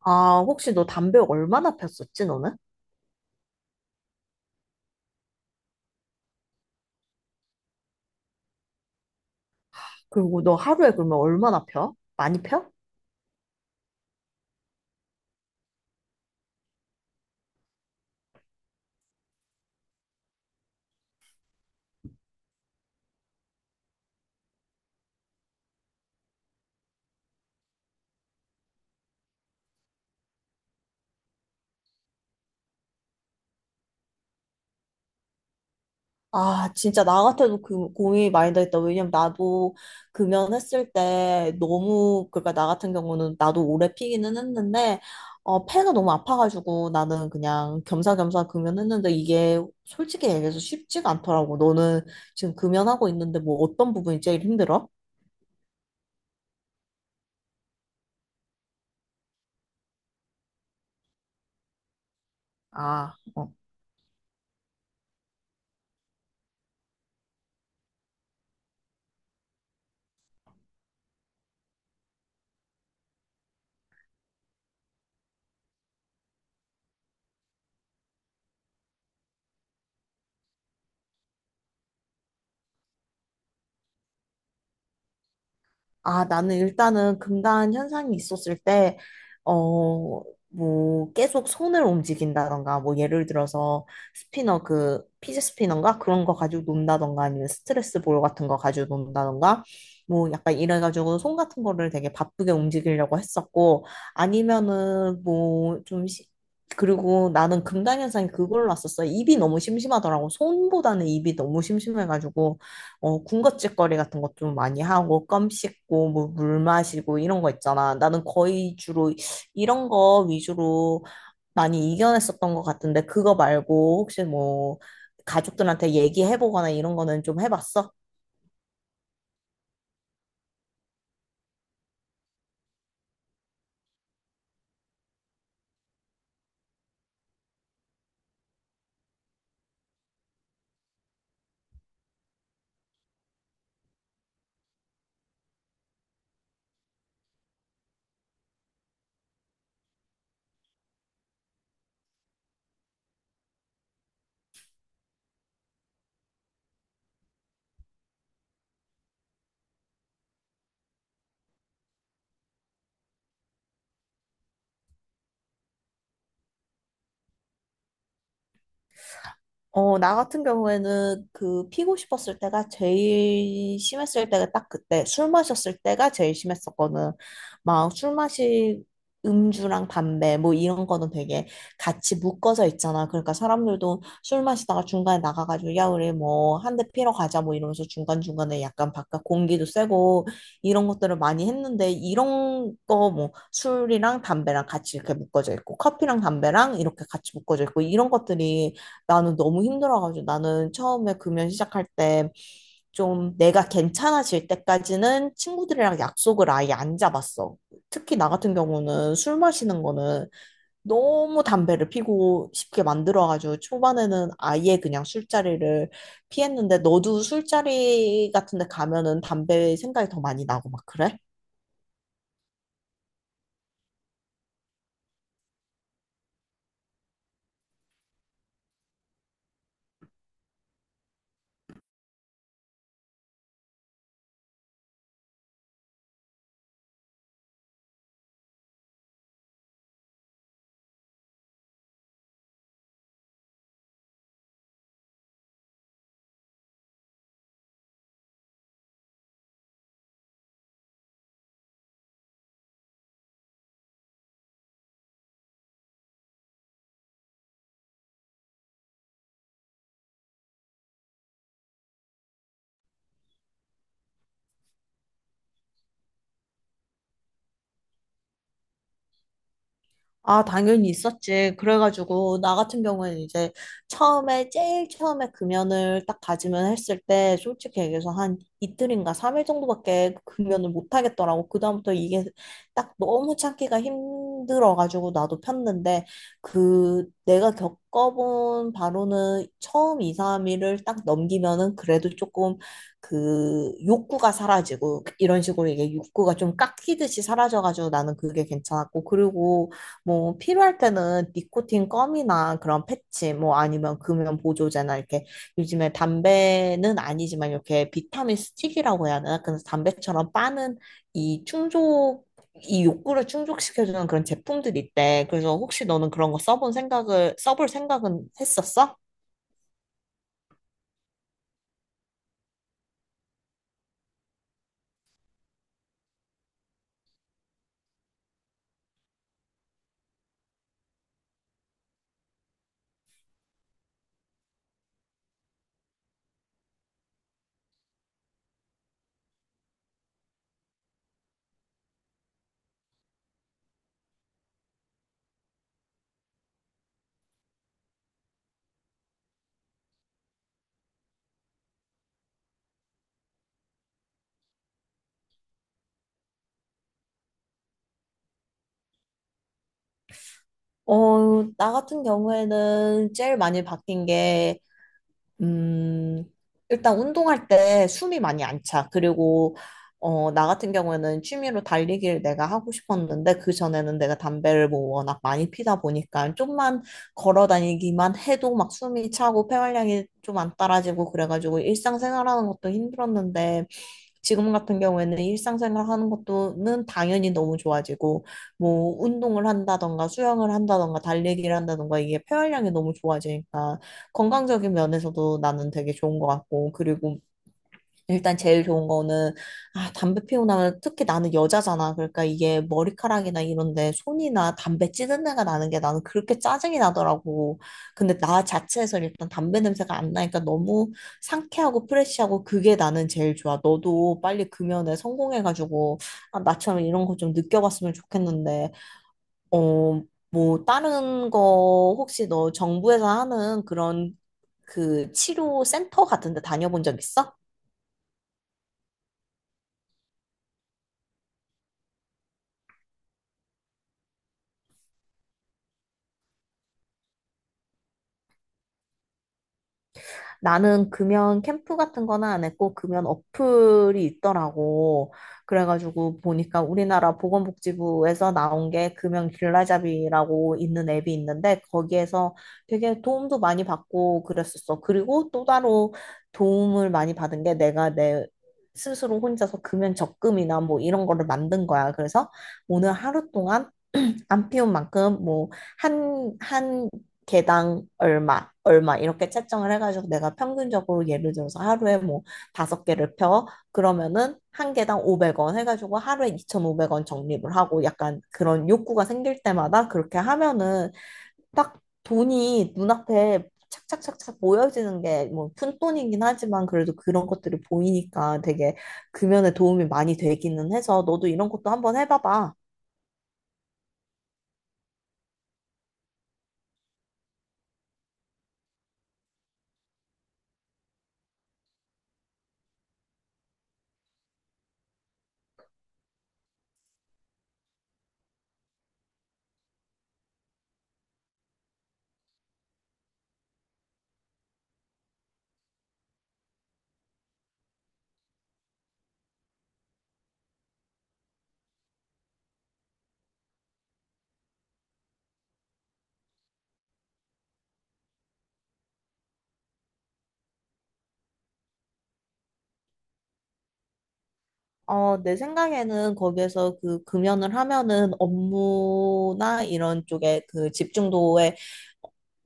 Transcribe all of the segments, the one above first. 아, 혹시 너 담배 얼마나 폈었지, 너는? 그리고 너 하루에 그러면 얼마나 펴? 많이 펴? 아, 진짜 나 같아도 그 고민이 많이 되겠다. 왜냐면 나도 금연했을 때 너무, 그러니까 나 같은 경우는 나도 오래 피기는 했는데, 폐가 너무 아파가지고 나는 그냥 겸사겸사 금연했는데 이게 솔직히 얘기해서 쉽지가 않더라고. 너는 지금 금연하고 있는데 뭐 어떤 부분이 제일 힘들어? 아, 어. 아, 나는 일단은 금단 현상이 있었을 때, 어, 뭐, 계속 손을 움직인다던가, 뭐, 예를 들어서 스피너, 그, 피지 스피너인가? 그런 거 가지고 논다던가, 아니면 스트레스 볼 같은 거 가지고 논다던가, 뭐, 약간 이래가지고 손 같은 거를 되게 바쁘게 움직이려고 했었고, 아니면은 뭐, 좀, 그리고 나는 금단 현상이 그걸로 왔었어. 입이 너무 심심하더라고. 손보다는 입이 너무 심심해가지고. 군것질거리 같은 것 좀 많이 하고, 껌 씹고, 뭐, 물 마시고, 이런 거 있잖아. 나는 거의 주로 이런 거 위주로 많이 이겨냈었던 것 같은데, 그거 말고, 혹시 뭐, 가족들한테 얘기해보거나 이런 거는 좀 해봤어? 나 같은 경우에는 그 피고 싶었을 때가 제일 심했을 때가 딱 그때 술 마셨을 때가 제일 심했었거든. 막 술 마시 음주랑 담배 뭐 이런 거는 되게 같이 묶어져 있잖아. 그러니까 사람들도 술 마시다가 중간에 나가가지고 야 우리 뭐 한 대 피러 가자 뭐 이러면서 중간중간에 약간 바깥 공기도 쐬고 이런 것들을 많이 했는데 이런 거 뭐 술이랑 담배랑 같이 이렇게 묶어져 있고 커피랑 담배랑 이렇게 같이 묶어져 있고 이런 것들이 나는 너무 힘들어가지고 나는 처음에 금연 시작할 때 좀 내가 괜찮아질 때까지는 친구들이랑 약속을 아예 안 잡았어. 특히 나 같은 경우는 술 마시는 거는 너무 담배를 피고 싶게 만들어가지고 초반에는 아예 그냥 술자리를 피했는데 너도 술자리 같은 데 가면은 담배 생각이 더 많이 나고 막 그래? 아, 당연히 있었지. 그래가지고, 나 같은 경우에는 이제 처음에, 제일 처음에 금연을 딱 다짐을 했을 때, 솔직히 얘기해서 한 이틀인가 삼일 정도밖에 금연을 못 하겠더라고. 그다음부터 이게 딱 너무 참기가 힘들어가지고, 나도 폈는데, 그, 내가 겪어본 바로는 처음 이삼일을딱 넘기면은 그래도 조금 그 욕구가 사라지고, 이런 식으로 이게 욕구가 좀 깎이듯이 사라져가지고 나는 그게 괜찮았고, 그리고 뭐 필요할 때는 니코틴 껌이나 그런 패치 뭐 아니면 금연 보조제나 이렇게 요즘에 담배는 아니지만 이렇게 비타민 스틱이라고 해야 되나? 그래서 담배처럼 빠는 이 충족 이 욕구를 충족시켜주는 그런 제품들이 있대. 그래서 혹시 너는 그런 거 써본 생각을 써볼 생각은 했었어? 나 같은 경우에는 제일 많이 바뀐 게 음, 일단 운동할 때 숨이 많이 안 차. 그리고, 나 같은 경우에는 취미로 달리기를 내가 하고 싶었는데, 그전에는 내가 담배를 뭐 워낙 많이 피다 보니까, 좀만 걸어 다니기만 해도 막 숨이 차고, 폐활량이 좀 안 따라지고, 그래가지고 일상생활 하는 것도 힘들었는데, 지금 같은 경우에는 일상생활 하는 것도는 당연히 너무 좋아지고, 뭐 운동을 한다던가, 수영을 한다던가, 달리기를 한다던가, 이게 폐활량이 너무 좋아지니까, 건강적인 면에서도 나는 되게 좋은 것 같고, 그리고 일단 제일 좋은 거는, 아, 담배 피우고 나면 특히 나는 여자잖아. 그러니까 이게 머리카락이나 이런데 손이나 담배 찌든 내가 나는 게 나는 그렇게 짜증이 나더라고. 근데 나 자체에서 일단 담배 냄새가 안 나니까 너무 상쾌하고 프레쉬하고 그게 나는 제일 좋아. 너도 빨리 그 면에 성공해가지고, 아, 나처럼 이런 거 좀 느껴봤으면 좋겠는데, 어, 뭐, 다른 거 혹시 너 정부에서 하는 그런 그 치료 센터 같은 데 다녀본 적 있어? 나는 금연 캠프 같은 거는 안 했고 금연 어플이 있더라고. 그래가지고 보니까 우리나라 보건복지부에서 나온 게 금연 길라잡이라고 있는 앱이 있는데 거기에서 되게 도움도 많이 받고 그랬었어. 그리고 또 따로 도움을 많이 받은 게 내가 내 스스로 혼자서 금연 적금이나 뭐 이런 거를 만든 거야. 그래서 오늘 하루 동안 안 피운 만큼 뭐 한 개당 얼마 이렇게 채점을 해가지고 내가 평균적으로 예를 들어서 하루에 뭐 다섯 개를 펴 그러면은 한 개당 500원 해가지고 하루에 2,500원 적립을 하고 약간 그런 욕구가 생길 때마다 그렇게 하면은 딱 돈이 눈앞에 착착착착 모여지는 게 뭐 푼돈이긴 하지만 그래도 그런 것들이 보이니까 되게 금연에 도움이 많이 되기는 해서 너도 이런 것도 한번 해봐봐. 내 생각에는 거기에서 그 금연을 하면은 업무나 이런 쪽에 그 집중도에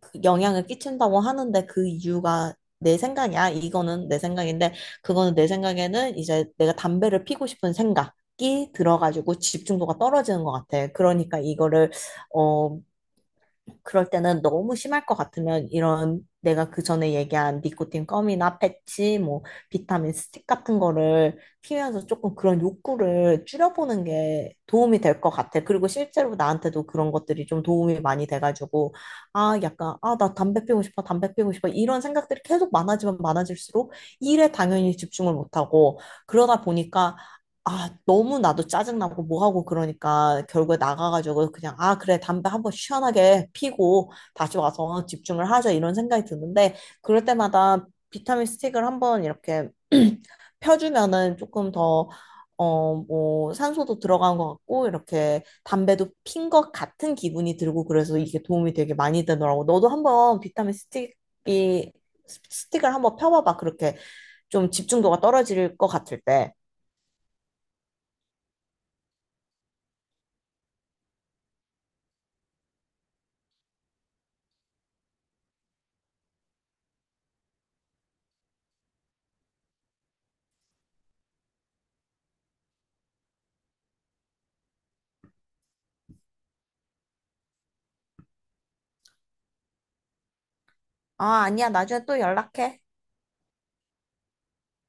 그 영향을 끼친다고 하는데 그 이유가 내 생각이야. 이거는 내 생각인데 그거는 내 생각에는 이제 내가 담배를 피고 싶은 생각이 들어가지고 집중도가 떨어지는 것 같아. 그러니까 이거를 어, 그럴 때는 너무 심할 것 같으면 이런 내가 그 전에 얘기한 니코틴 껌이나 패치, 뭐 비타민 스틱 같은 거를 피면서 조금 그런 욕구를 줄여보는 게 도움이 될 것 같아. 그리고 실제로 나한테도 그런 것들이 좀 도움이 많이 돼가지고 아 약간 아 나 담배 피우고 싶어, 담배 피우고 싶어 이런 생각들이 계속 많아지면 많아질수록 일에 당연히 집중을 못하고 그러다 보니까 아, 너무 나도 짜증나고 뭐하고 그러니까 결국에 나가가지고 그냥 아, 그래, 담배 한번 시원하게 피고 다시 와서 집중을 하자 이런 생각이 드는데 그럴 때마다 비타민 스틱을 한번 이렇게 펴주면은 조금 더 뭐, 산소도 들어간 것 같고, 이렇게 담배도 핀 것 같은 기분이 들고, 그래서 이게 도움이 되게 많이 되더라고. 너도 한번 스틱을 한번 펴봐봐. 그렇게 좀 집중도가 떨어질 것 같을 때. 아, 아니야. 나중에 또 연락해.